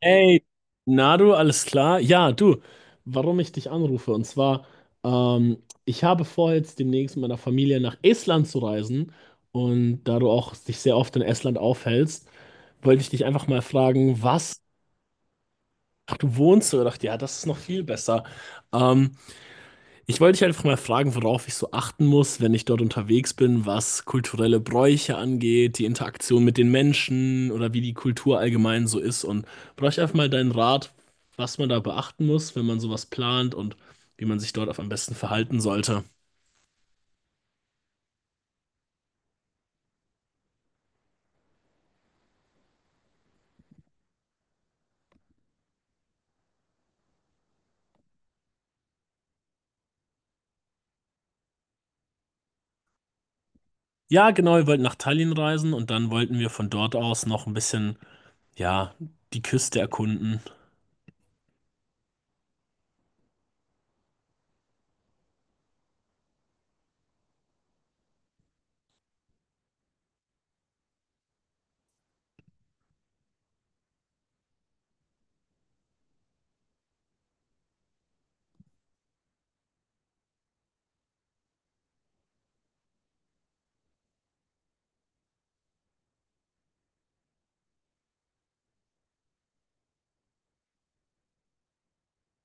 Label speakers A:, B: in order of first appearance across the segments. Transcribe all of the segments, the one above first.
A: Hey, Nadu, alles klar? Ja, du, warum ich dich anrufe? Und zwar, ich habe vor, jetzt demnächst mit meiner Familie nach Estland zu reisen. Und da du auch dich sehr oft in Estland aufhältst, wollte ich dich einfach mal fragen, was? Ach, du wohnst so. Ich dachte, ja, das ist noch viel besser. Ähm, Ich wollte dich einfach mal fragen, worauf ich so achten muss, wenn ich dort unterwegs bin, was kulturelle Bräuche angeht, die Interaktion mit den Menschen oder wie die Kultur allgemein so ist. Und brauche ich einfach mal deinen Rat, was man da beachten muss, wenn man sowas plant und wie man sich dort auf am besten verhalten sollte. Ja, genau, wir wollten nach Tallinn reisen und dann wollten wir von dort aus noch ein bisschen, ja, die Küste erkunden.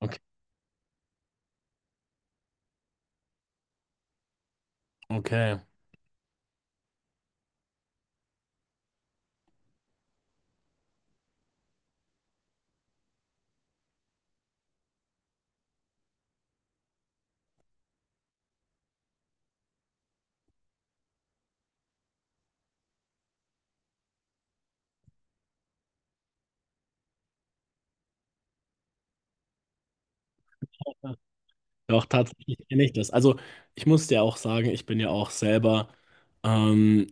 A: Okay. Okay. Doch, tatsächlich kenne ich das. Also, ich muss dir auch sagen, ich bin ja auch selber. Ähm,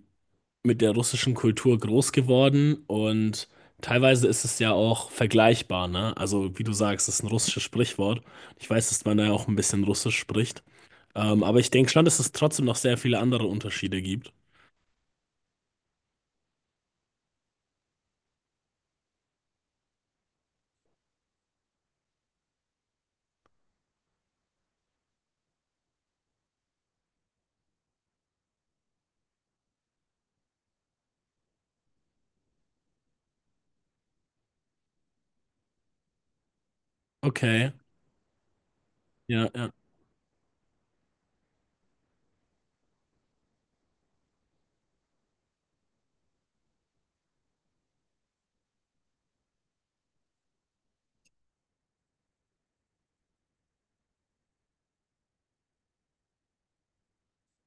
A: mit der russischen Kultur groß geworden und teilweise ist es ja auch vergleichbar, ne? Also, wie du sagst, es ist ein russisches Sprichwort. Ich weiß, dass man da ja auch ein bisschen Russisch spricht. Aber ich denke schon, dass es trotzdem noch sehr viele andere Unterschiede gibt. Okay, ja.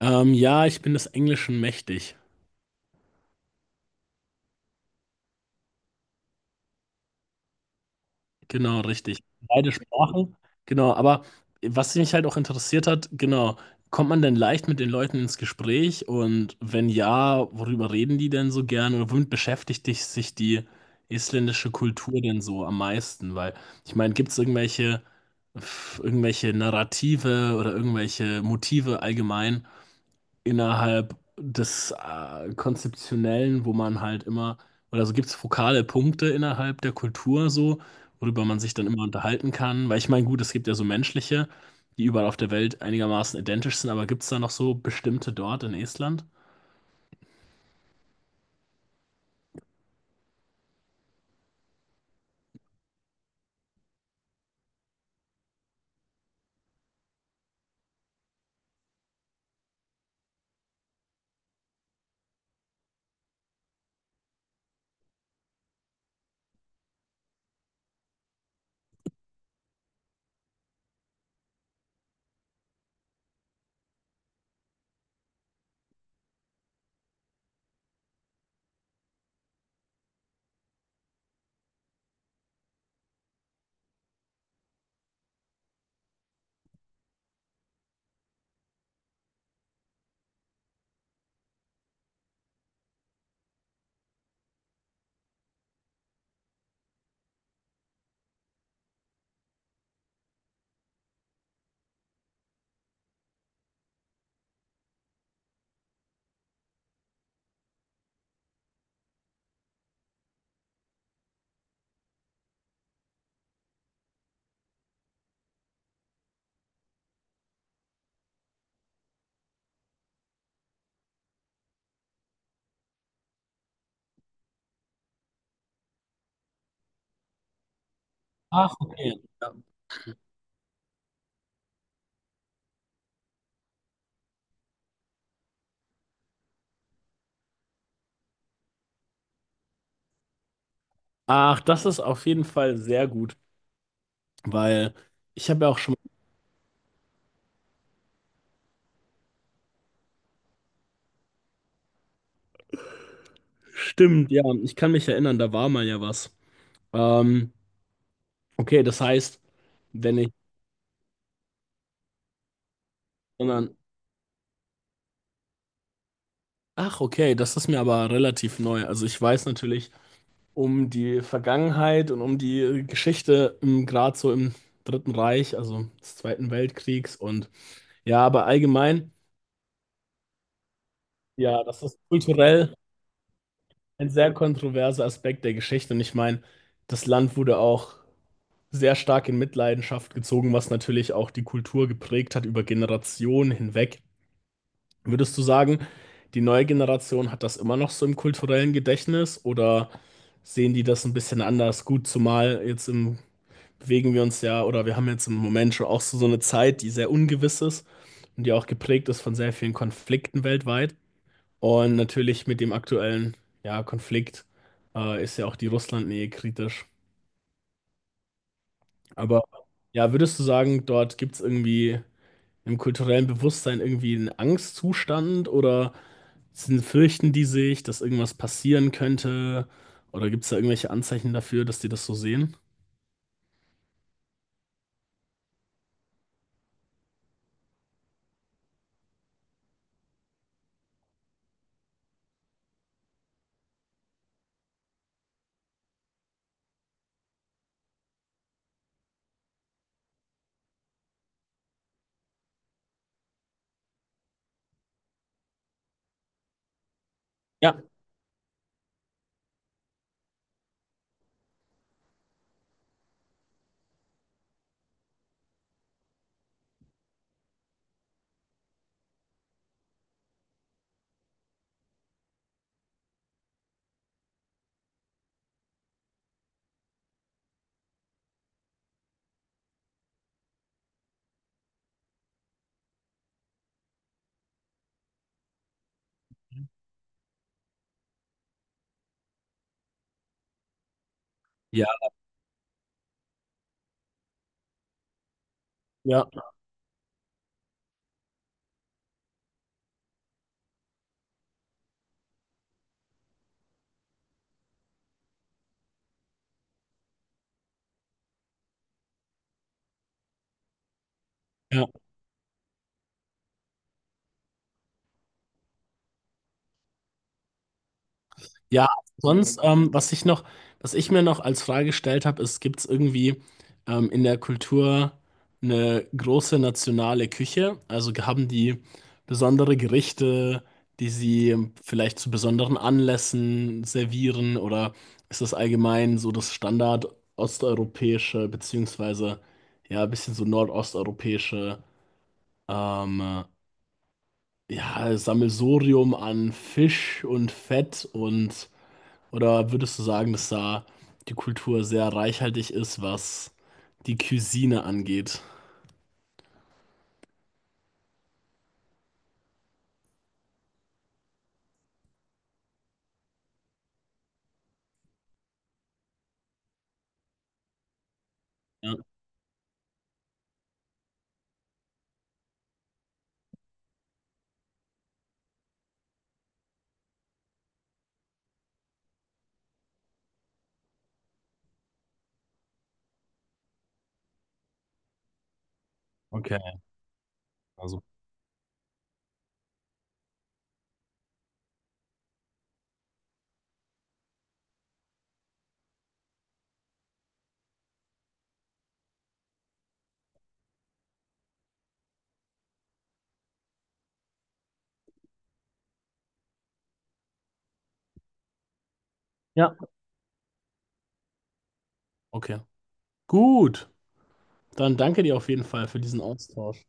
A: Ja, ich bin des Englischen mächtig. Genau, richtig. Beide Sprachen, genau. Aber was mich halt auch interessiert hat, genau, kommt man denn leicht mit den Leuten ins Gespräch? Und wenn ja, worüber reden die denn so gern? Oder womit beschäftigt dich, sich die isländische Kultur denn so am meisten? Weil, ich meine, gibt es irgendwelche, irgendwelche Narrative oder irgendwelche Motive allgemein, innerhalb des Konzeptionellen, wo man halt immer, oder so gibt es fokale Punkte innerhalb der Kultur so, worüber man sich dann immer unterhalten kann. Weil ich meine, gut, es gibt ja so menschliche, die überall auf der Welt einigermaßen identisch sind, aber gibt es da noch so bestimmte dort in Estland? Ach, okay. Ja. Ach, das ist auf jeden Fall sehr gut, weil ich habe ja auch schon. Stimmt, ja, ich kann mich erinnern, da war mal ja was. Ähm, okay, das heißt, wenn ich, sondern ach, okay, das ist mir aber relativ neu. Also ich weiß natürlich um die Vergangenheit und um die Geschichte im, gerade so im Dritten Reich, also des Zweiten Weltkriegs und ja, aber allgemein, ja, das ist kulturell ein sehr kontroverser Aspekt der Geschichte und ich meine, das Land wurde auch sehr stark in Mitleidenschaft gezogen, was natürlich auch die Kultur geprägt hat über Generationen hinweg. Würdest du sagen, die neue Generation hat das immer noch so im kulturellen Gedächtnis oder sehen die das ein bisschen anders? Gut, zumal jetzt im, bewegen wir uns ja oder wir haben jetzt im Moment schon auch so, so eine Zeit, die sehr ungewiss ist und die auch geprägt ist von sehr vielen Konflikten weltweit. Und natürlich mit dem aktuellen ja, Konflikt ist ja auch die Russlandnähe kritisch. Aber ja, würdest du sagen, dort gibt es irgendwie im kulturellen Bewusstsein irgendwie einen Angstzustand oder? Sind, fürchten die sich, dass irgendwas passieren könnte? Oder gibt es da irgendwelche Anzeichen dafür, dass die das so sehen? Ja. Ja, Ja. ja. Ja, sonst, was ich noch, was ich mir noch als Frage gestellt habe, ist, gibt es irgendwie in der Kultur eine große nationale Küche? Also haben die besondere Gerichte, die sie vielleicht zu besonderen Anlässen servieren, oder ist das allgemein so das Standard osteuropäische, beziehungsweise ja, ein bisschen so nordosteuropäische ähm, ja, Sammelsurium an Fisch und Fett und oder würdest du sagen, dass da die Kultur sehr reichhaltig ist, was die Cuisine angeht? Ja. Okay, also. Ja, okay. Gut. Dann danke dir auf jeden Fall für diesen Austausch.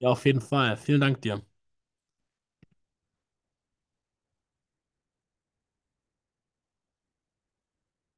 A: Ja, auf jeden Fall. Vielen Dank dir.